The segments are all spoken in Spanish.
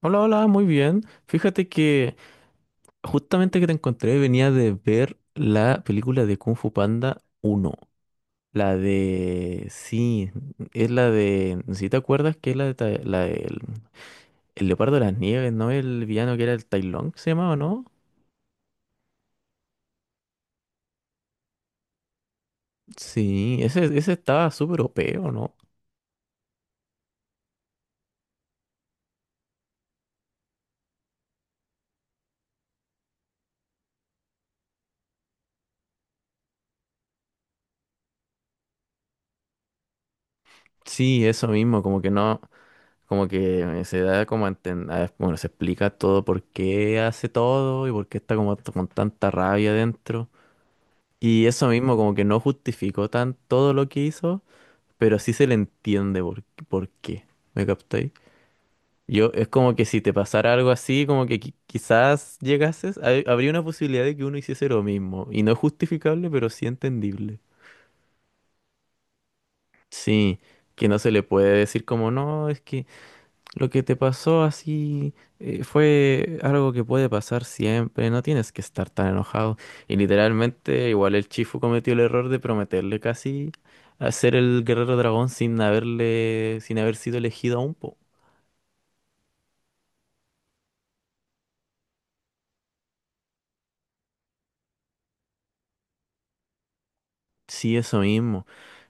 Hola, hola, muy bien. Fíjate que justamente que te encontré venía de ver la película de Kung Fu Panda uno. La de... Sí, es la de... Si te acuerdas que es la de... Leopardo de las Nieves, ¿no? El villano que era el Tai Lung, ¿se llamaba, no? Sí, ese estaba súper OP, ¿o no? Sí, eso mismo, como que no... Como que se da como a entender... Bueno, se explica todo por qué hace todo y por qué está como con tanta rabia dentro. Y eso mismo como que no justificó tan todo lo que hizo, pero sí se le entiende por qué. ¿Me captáis? Yo, es como que si te pasara algo así, como que quizás llegases, habría una posibilidad de que uno hiciese lo mismo. Y no es justificable, pero sí entendible. Sí, que no se le puede decir como no, es que lo que te pasó así, fue algo que puede pasar siempre, no tienes que estar tan enojado. Y literalmente, igual el Chifu cometió el error de prometerle casi a ser el guerrero dragón sin haberle, sin haber sido elegido aún, po. Sí, eso mismo,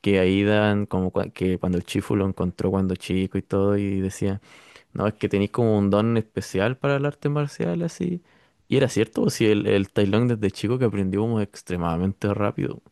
que ahí dan como que cuando el Chifu lo encontró cuando chico y todo y decía, no, es que tenéis como un don especial para el arte marcial así. Y era cierto, si el Tai Lung desde chico que aprendió como extremadamente rápido.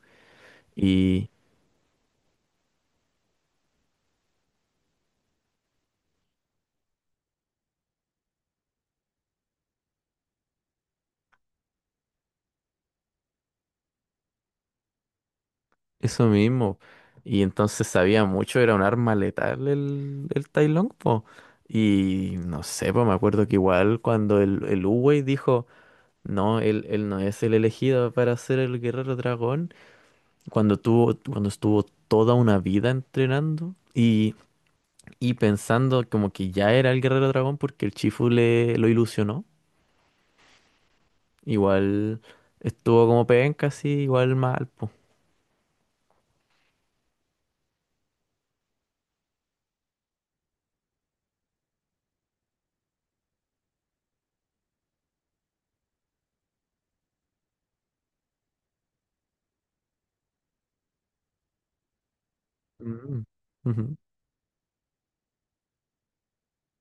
Eso mismo. Y entonces sabía mucho, era un arma letal el Tai Lung, po. Y no sé, pues me acuerdo que igual cuando el Uwei dijo, no, él no es el elegido para ser el guerrero dragón, cuando tuvo, cuando estuvo toda una vida entrenando y pensando como que ya era el guerrero dragón porque el Chifu le lo ilusionó, igual estuvo como penca, así, igual mal, po. Mm. Ujú.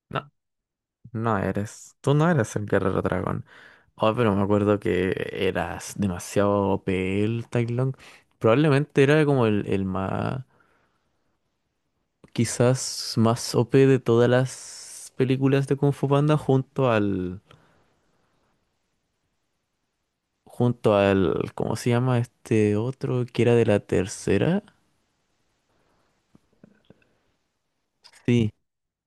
No. No eres, tú no eres el guerrero dragón. Oh, pero me acuerdo que eras demasiado OP el Tai Lung. Probablemente era como el más, quizás más OP de todas las películas de Kung Fu Panda junto al, ¿cómo se llama este otro que era de la tercera? Sí.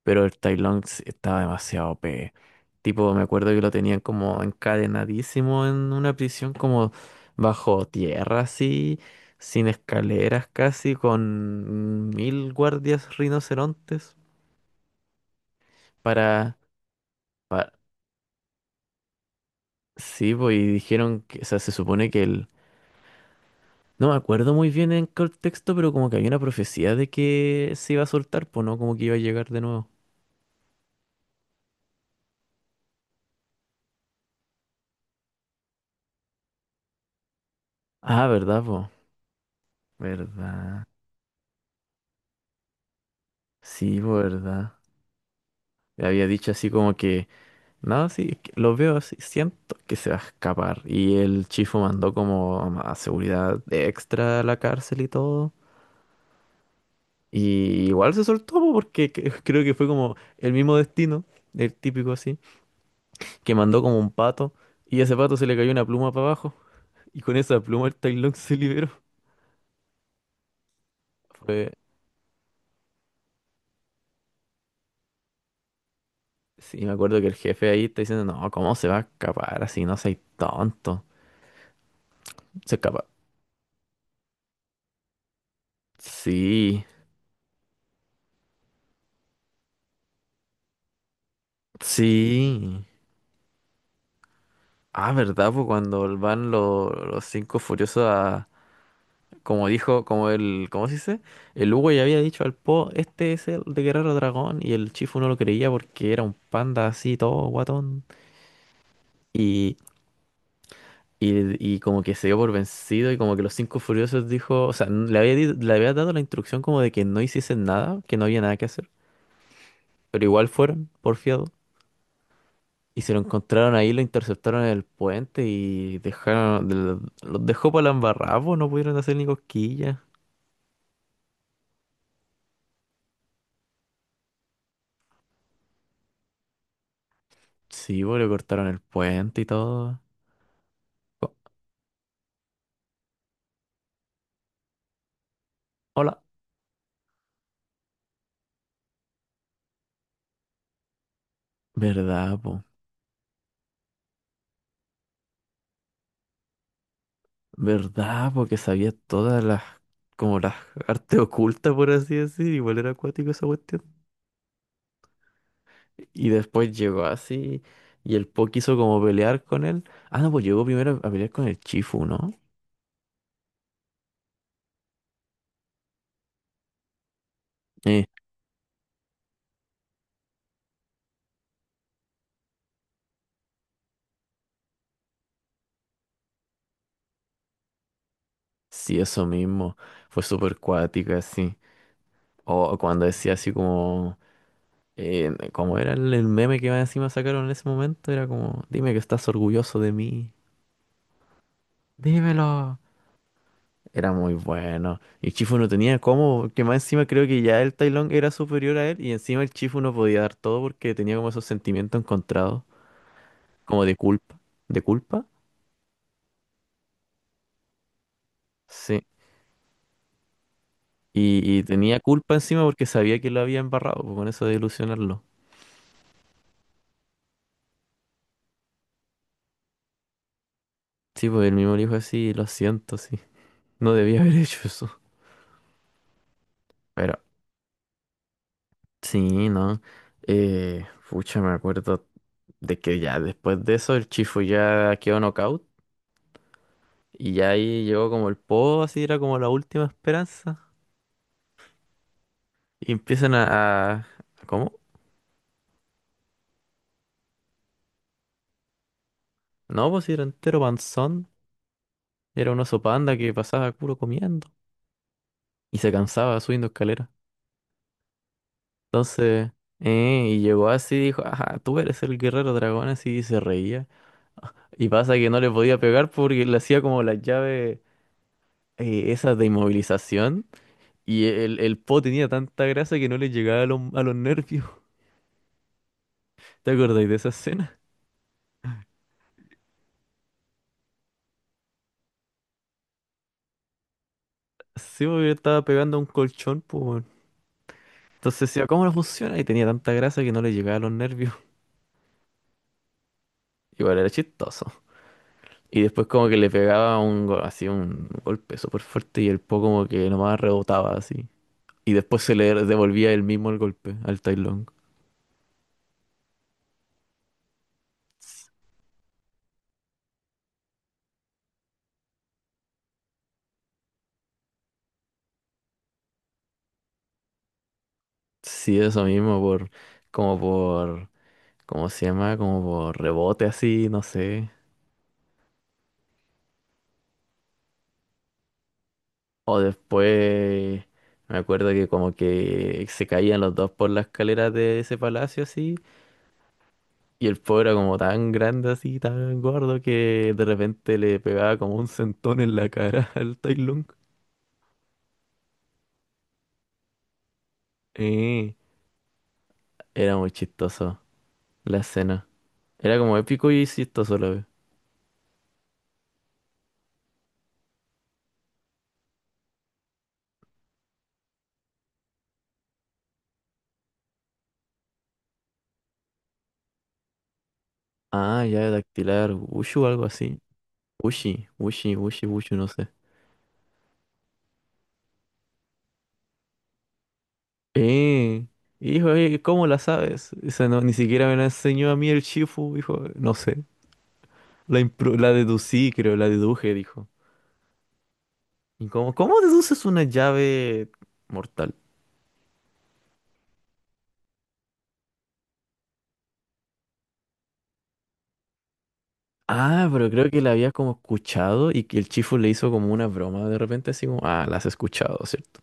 Pero el Tai Lung estaba demasiado O p. Tipo, me acuerdo que lo tenían como encadenadísimo en una prisión como bajo tierra así, sin escaleras casi, con mil guardias rinocerontes para... pa- sí, pues, y dijeron que, o sea, se supone que el... No me acuerdo muy bien en qué texto, pero como que había una profecía de que se iba a soltar, pues no, como que iba a llegar de nuevo. Ah, ¿verdad, po? ¿Verdad? Sí, po, ¿verdad? Le había dicho así como que... No, sí, es que lo veo así, siento que se va a escapar. Y el Chifu mandó como a seguridad extra a la cárcel y todo. Y igual se soltó po, porque creo que fue como el mismo destino, el típico así, que mandó como un pato y a ese pato se le cayó una pluma para abajo. Y con esa pluma el Tai Lung se liberó. Fue, sí, me acuerdo que el jefe ahí está diciendo, no, ¿cómo se va a escapar así? No seas tonto. Se escapa. Sí, sí. Ah, ¿verdad? Pues cuando van los cinco furiosos a... Como dijo, como el... ¿Cómo se dice? El Hugo ya había dicho al Po, este es el de Guerrero Dragón. Y el Chifu no lo creía porque era un panda así, todo guatón. Y, y como que se dio por vencido y como que los cinco furiosos dijo... O sea, le había, le había dado la instrucción como de que no hiciesen nada, que no había nada que hacer. Pero igual fueron, porfiado. Y se lo encontraron ahí, lo interceptaron en el puente y dejaron, los dejó para la embarrada, po, no pudieron hacer ni cosquillas. Sí, pues le cortaron el puente y todo. Co- Hola. ¿Verdad, po? ¿Verdad? Porque sabía todas las, como las artes ocultas, por así decir. Igual era acuático esa cuestión. Y después llegó así y el Po quiso como pelear con él. Ah, no, pues llegó primero a pelear con el Chifu, ¿no? Eh, sí, eso mismo. Fue súper cuática. O, cuando decía así como, como era el meme que más encima sacaron en ese momento, era como, dime que estás orgulloso de mí, dímelo. Era muy bueno. Y Chifu no tenía cómo, que más encima creo que ya el Tai Lung era superior a él y encima el Chifu no podía dar todo porque tenía como esos sentimientos encontrados, como de culpa. ¿De culpa? Sí. Y tenía culpa encima porque sabía que lo había embarrado, pues, con eso de ilusionarlo. Sí, pues el mismo le dijo así, lo siento, sí. No debía haber hecho eso. Pero sí, ¿no? Pucha, me acuerdo de que ya después de eso el Chifu ya quedó knockout y ya ahí llegó como el Po, así era como la última esperanza. Y empiezan a... ¿Cómo? No, pues sí, era entero panzón. Era un oso panda que pasaba puro comiendo y se cansaba subiendo escaleras. Entonces, y llegó así y dijo, ajá, tú eres el guerrero dragón, así y se reía. Y pasa que no le podía pegar porque le hacía como las llaves, esas de inmovilización. Y el po tenía tanta grasa que no le llegaba a los, nervios. ¿Te acordáis de esa escena? Sí, porque estaba pegando a un colchón, pues, weón. Entonces decía, ¿cómo no funciona? Y tenía tanta grasa que no le llegaba a los nervios. Igual era chistoso. Y después como que le pegaba así un golpe súper fuerte y el po como que nomás rebotaba así. Y después se le devolvía él mismo el golpe al Tai Lung. Sí, eso mismo, por, como por, ¿cómo se llama? Como por rebote así, no sé. O después me acuerdo que como que se caían los dos por la escalera de ese palacio así. Y el pobre era como tan grande así, tan gordo que de repente le pegaba como un centón en la cara al Tai Lung. Eh, Era muy chistoso la escena. Era como épico y chistoso a la vez. Ah, llave dactilar, Wushu o algo así. Wushi, Wushi, Wushi, Wushu, no sé. Eh, Hijo, ¿cómo la sabes? O sea, no, ni siquiera me la enseñó a mí el Shifu, hijo, no sé. La deducí, creo, la deduje, dijo. ¿Y cómo deduces una llave mortal? Ah, pero creo que la había como escuchado y que el chifu le hizo como una broma de repente, así como, ah, la has escuchado, ¿cierto?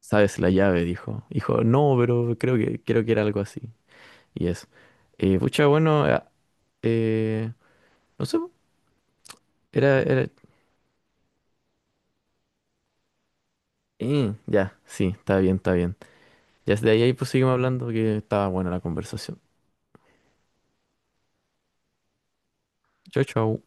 Sabes la llave, dijo. Dijo, no, pero creo que era algo así. Y eso. Pucha, bueno, eh, no sé, po. era, era, ya, sí, está bien, está bien. Ya desde ahí pues seguimos hablando que estaba buena la conversación. Chau, chau.